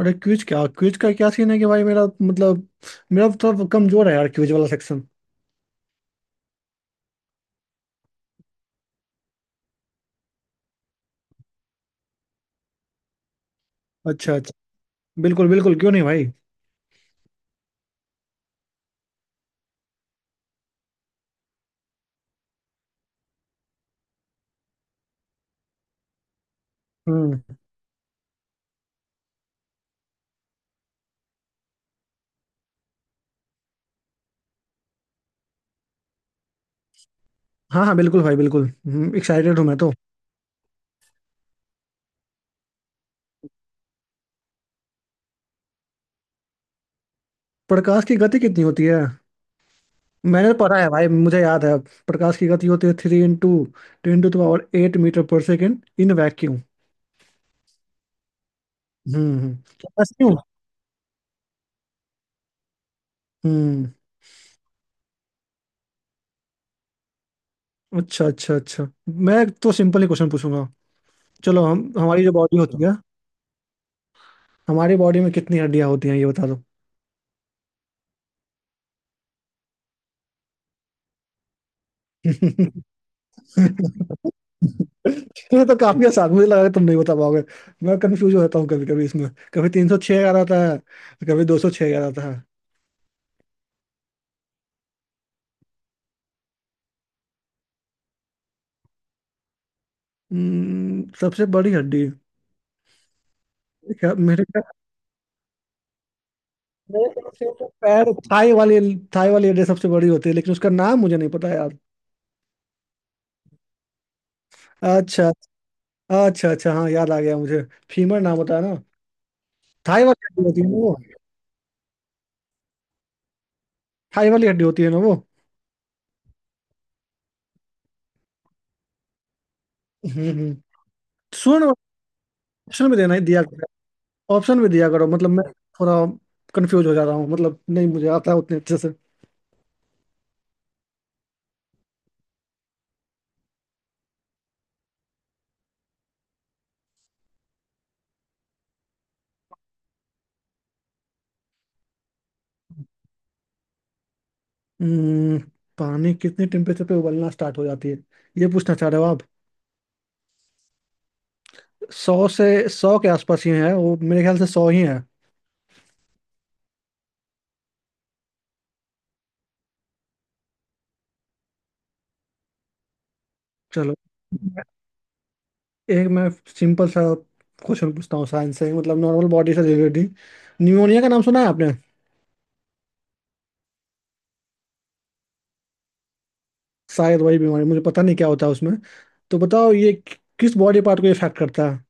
अरे क्विज क्या, क्विज का क्या सीन है कि भाई मेरा मतलब मेरा तो थोड़ा कमजोर है यार, क्विज वाला सेक्शन। अच्छा अच्छा। बिल्कुल बिल्कुल, क्यों नहीं भाई। हम्म। हाँ हाँ बिल्कुल भाई बिल्कुल। एक्साइटेड हूँ मैं तो। प्रकाश की गति कितनी होती है? मैंने तो पढ़ा है भाई, मुझे याद है। प्रकाश की गति होती है three into two into power eight metre per second in vacuum. हम्म, क्या मैं सही हूँ? हम्म। अच्छा अच्छा अच्छा। मैं तो सिंपल ही क्वेश्चन पूछूंगा। चलो, हम हमारी जो बॉडी होती है, हमारी बॉडी में कितनी हड्डियां होती हैं ये बता दो। ये तो काफी आसान, मुझे लगा कि तुम नहीं बता पाओगे। मैं कंफ्यूज हो जाता हूँ कभी कभी इसमें। कभी 306 आ जाता है, कभी 206 आ जाता है। सबसे बड़ी हड्डी। क्या मेरे ख्याल- मेरे ख्याल से तो पैर थाई वाली, थाई वाली हड्डी सबसे बड़ी होती है, लेकिन उसका नाम मुझे नहीं पता यार। अच्छा अच्छा अच्छा, हाँ याद आ गया मुझे। फीमर नाम होता है ना। थाई वाली हड्डी होती है ना वो। थाई वाली हड्डी होती है ना वो। हम्म हम्म। सुन, ऑप्शन में देना ही दिया, ऑप्शन भी दिया करो, मतलब मैं थोड़ा कंफ्यूज हो जा रहा हूँ, मतलब नहीं मुझे आता है उतने अच्छे से। हम्म, पानी कितने टेम्परेचर पे उबलना स्टार्ट हो जाती है, ये पूछना चाह रहे हो आप? सौ से, 100 के आसपास ही है वो मेरे ख्याल से, 100 ही है। चलो, एक मैं सिंपल सा क्वेश्चन पूछता हूँ साइंस से, मतलब नॉर्मल बॉडी से रिलेटेड। न्यूमोनिया का नाम सुना है आपने? शायद वही बीमारी, मुझे पता नहीं क्या होता है उसमें। तो बताओ ये किस बॉडी पार्ट को इफेक्ट करता है।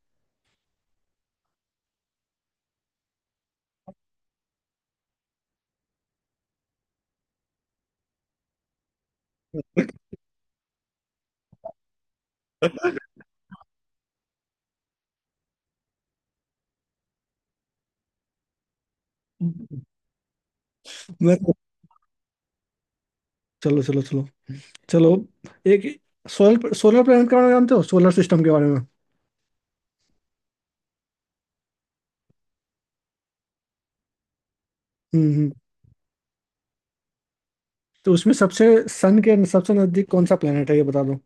मैं चलो चलो चलो चलो, एक सोलर सोलर प्लेनेट के बारे में जानते हो, सोलर सिस्टम के बारे में? हम्म हम्म। तो उसमें सबसे सन के सबसे नजदीक कौन सा प्लेनेट है, ये बता दो।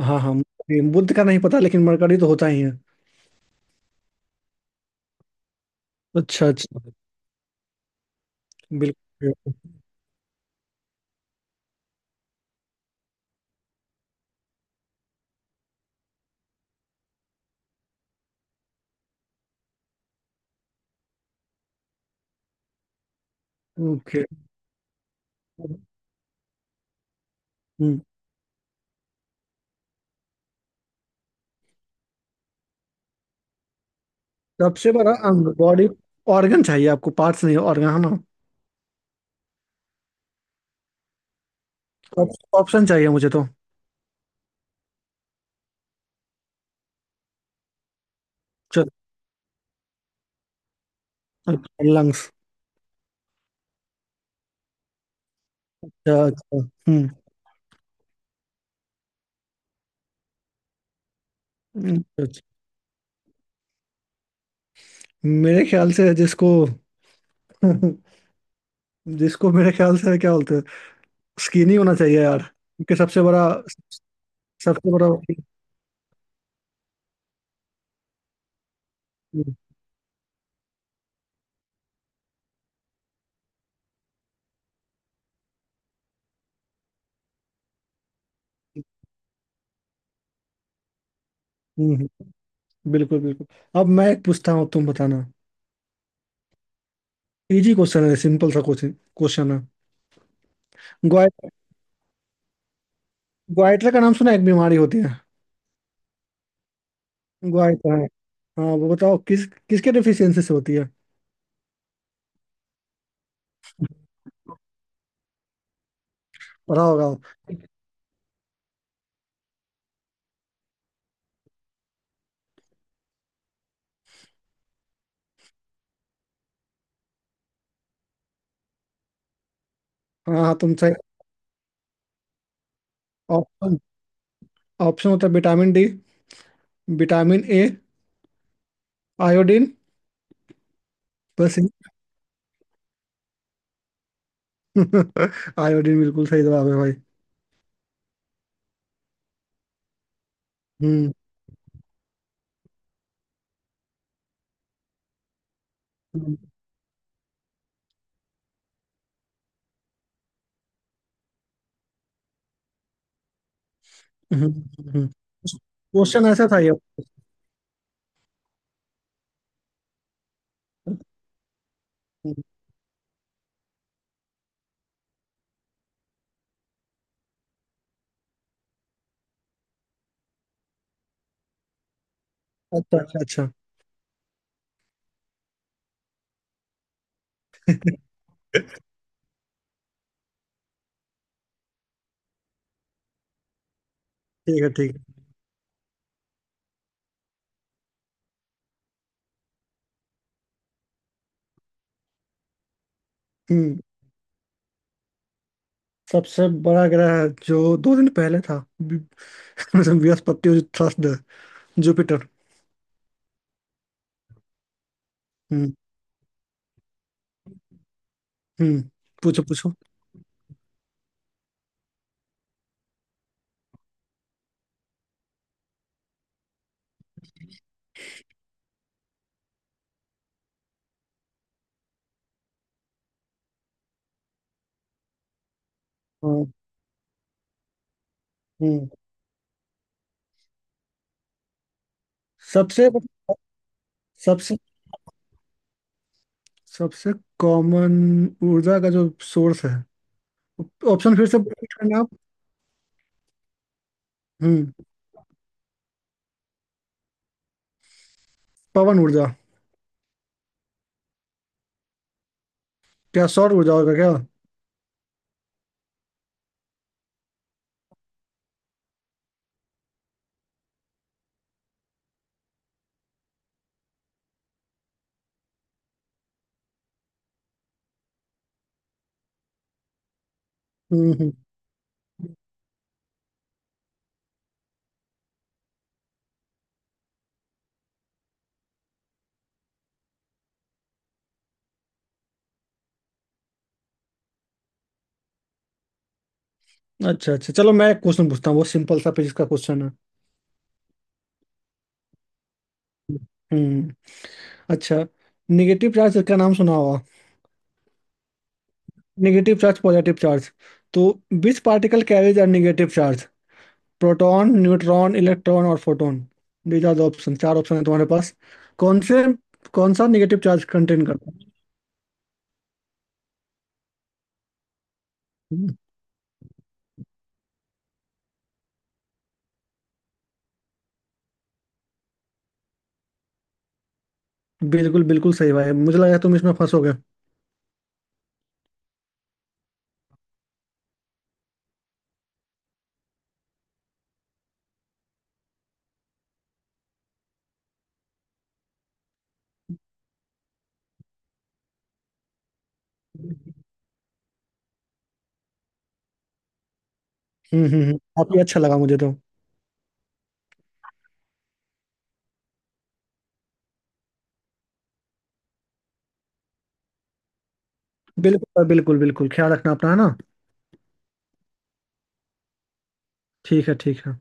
हाँ हाँ मरकरी। बुध का नहीं पता लेकिन मरकरी तो होता ही है। अच्छा अच्छा। बिल्कुल। ओके। हम्म सबसे बड़ा अंग, बॉडी ऑर्गन चाहिए आपको, पार्ट्स नहीं ऑर्गन, है ना? ऑप्शन चाहिए मुझे तो। चलो। लंग्स। अच्छा अच्छा। हम्म अच्छा, अच्छा। मेरे ख्याल से जिसको जिसको मेरे ख्याल से क्या बोलते हैं, स्किन ही होना चाहिए यार, क्योंकि सबसे बड़ा। हम्म, हम्म, बिल्कुल बिल्कुल। अब मैं एक पूछता हूँ, तुम बताना। इजी क्वेश्चन है, सिंपल सा क्वेश्चन क्वेश्चन है। ग्वाइट ग्वाइटर का नाम सुना है, एक बीमारी होती है। ग्वाइटर है, हाँ वो बताओ किसके डिफिशियंसी से होती है। पढ़ा होगा। हाँ हाँ तुम सही। ऑप्शन ऑप्शन होता है vitamin D, vitamin A, iodine. बस। आयोडीन बिल्कुल सही जवाब है भाई। हम्म हम्म, हम्म, हम्म। क्वेश्चन ऐसा था ये। हम्म, अच्छा अच्छा अच्छा, ठीक है ठीक है। हम्म। सबसे बड़ा ग्रह जो 2 दिन पहले था, बृहस्पति और थर्सडे, जुपिटर। हम्म हम्म, पूछो पूछो। हाँ, हम्म। सबसे सबसे सबसे कॉमन ऊर्जा का जो सोर्स है। ऑप्शन फिर से repeat करना आप। हम्म। पवन ऊर्जा। क्या सौर ऊर्जा होगा क्या? हम्म हम्म, अच्छा अच्छा, चलो मैं एक क्वेश्चन पूछता हूँ, वो सिंपल सा फिजिक्स का क्वेश्चन है। हम्म। अच्छा। निगेटिव चार्ज का नाम सुना होगा। नेगेटिव चार्ज, पॉजिटिव चार्ज, तो which particle carries a negative charge? Proton, neutron, electron और photon. These are the option, चार ऑप्शन है तुम्हारे पास। कौन से, कौन सा नेगेटिव चार्ज कंटेन करता है? हम्म, बिल्कुल बिल्कुल सही भाई, मुझे लगा तुम इसमें फंसोगे। काफी अच्छा लगा मुझे तो। बिल्कुल बिल्कुल बिल्कुल ख्याल रखना अपना, है ना? ठीक है ठीक है।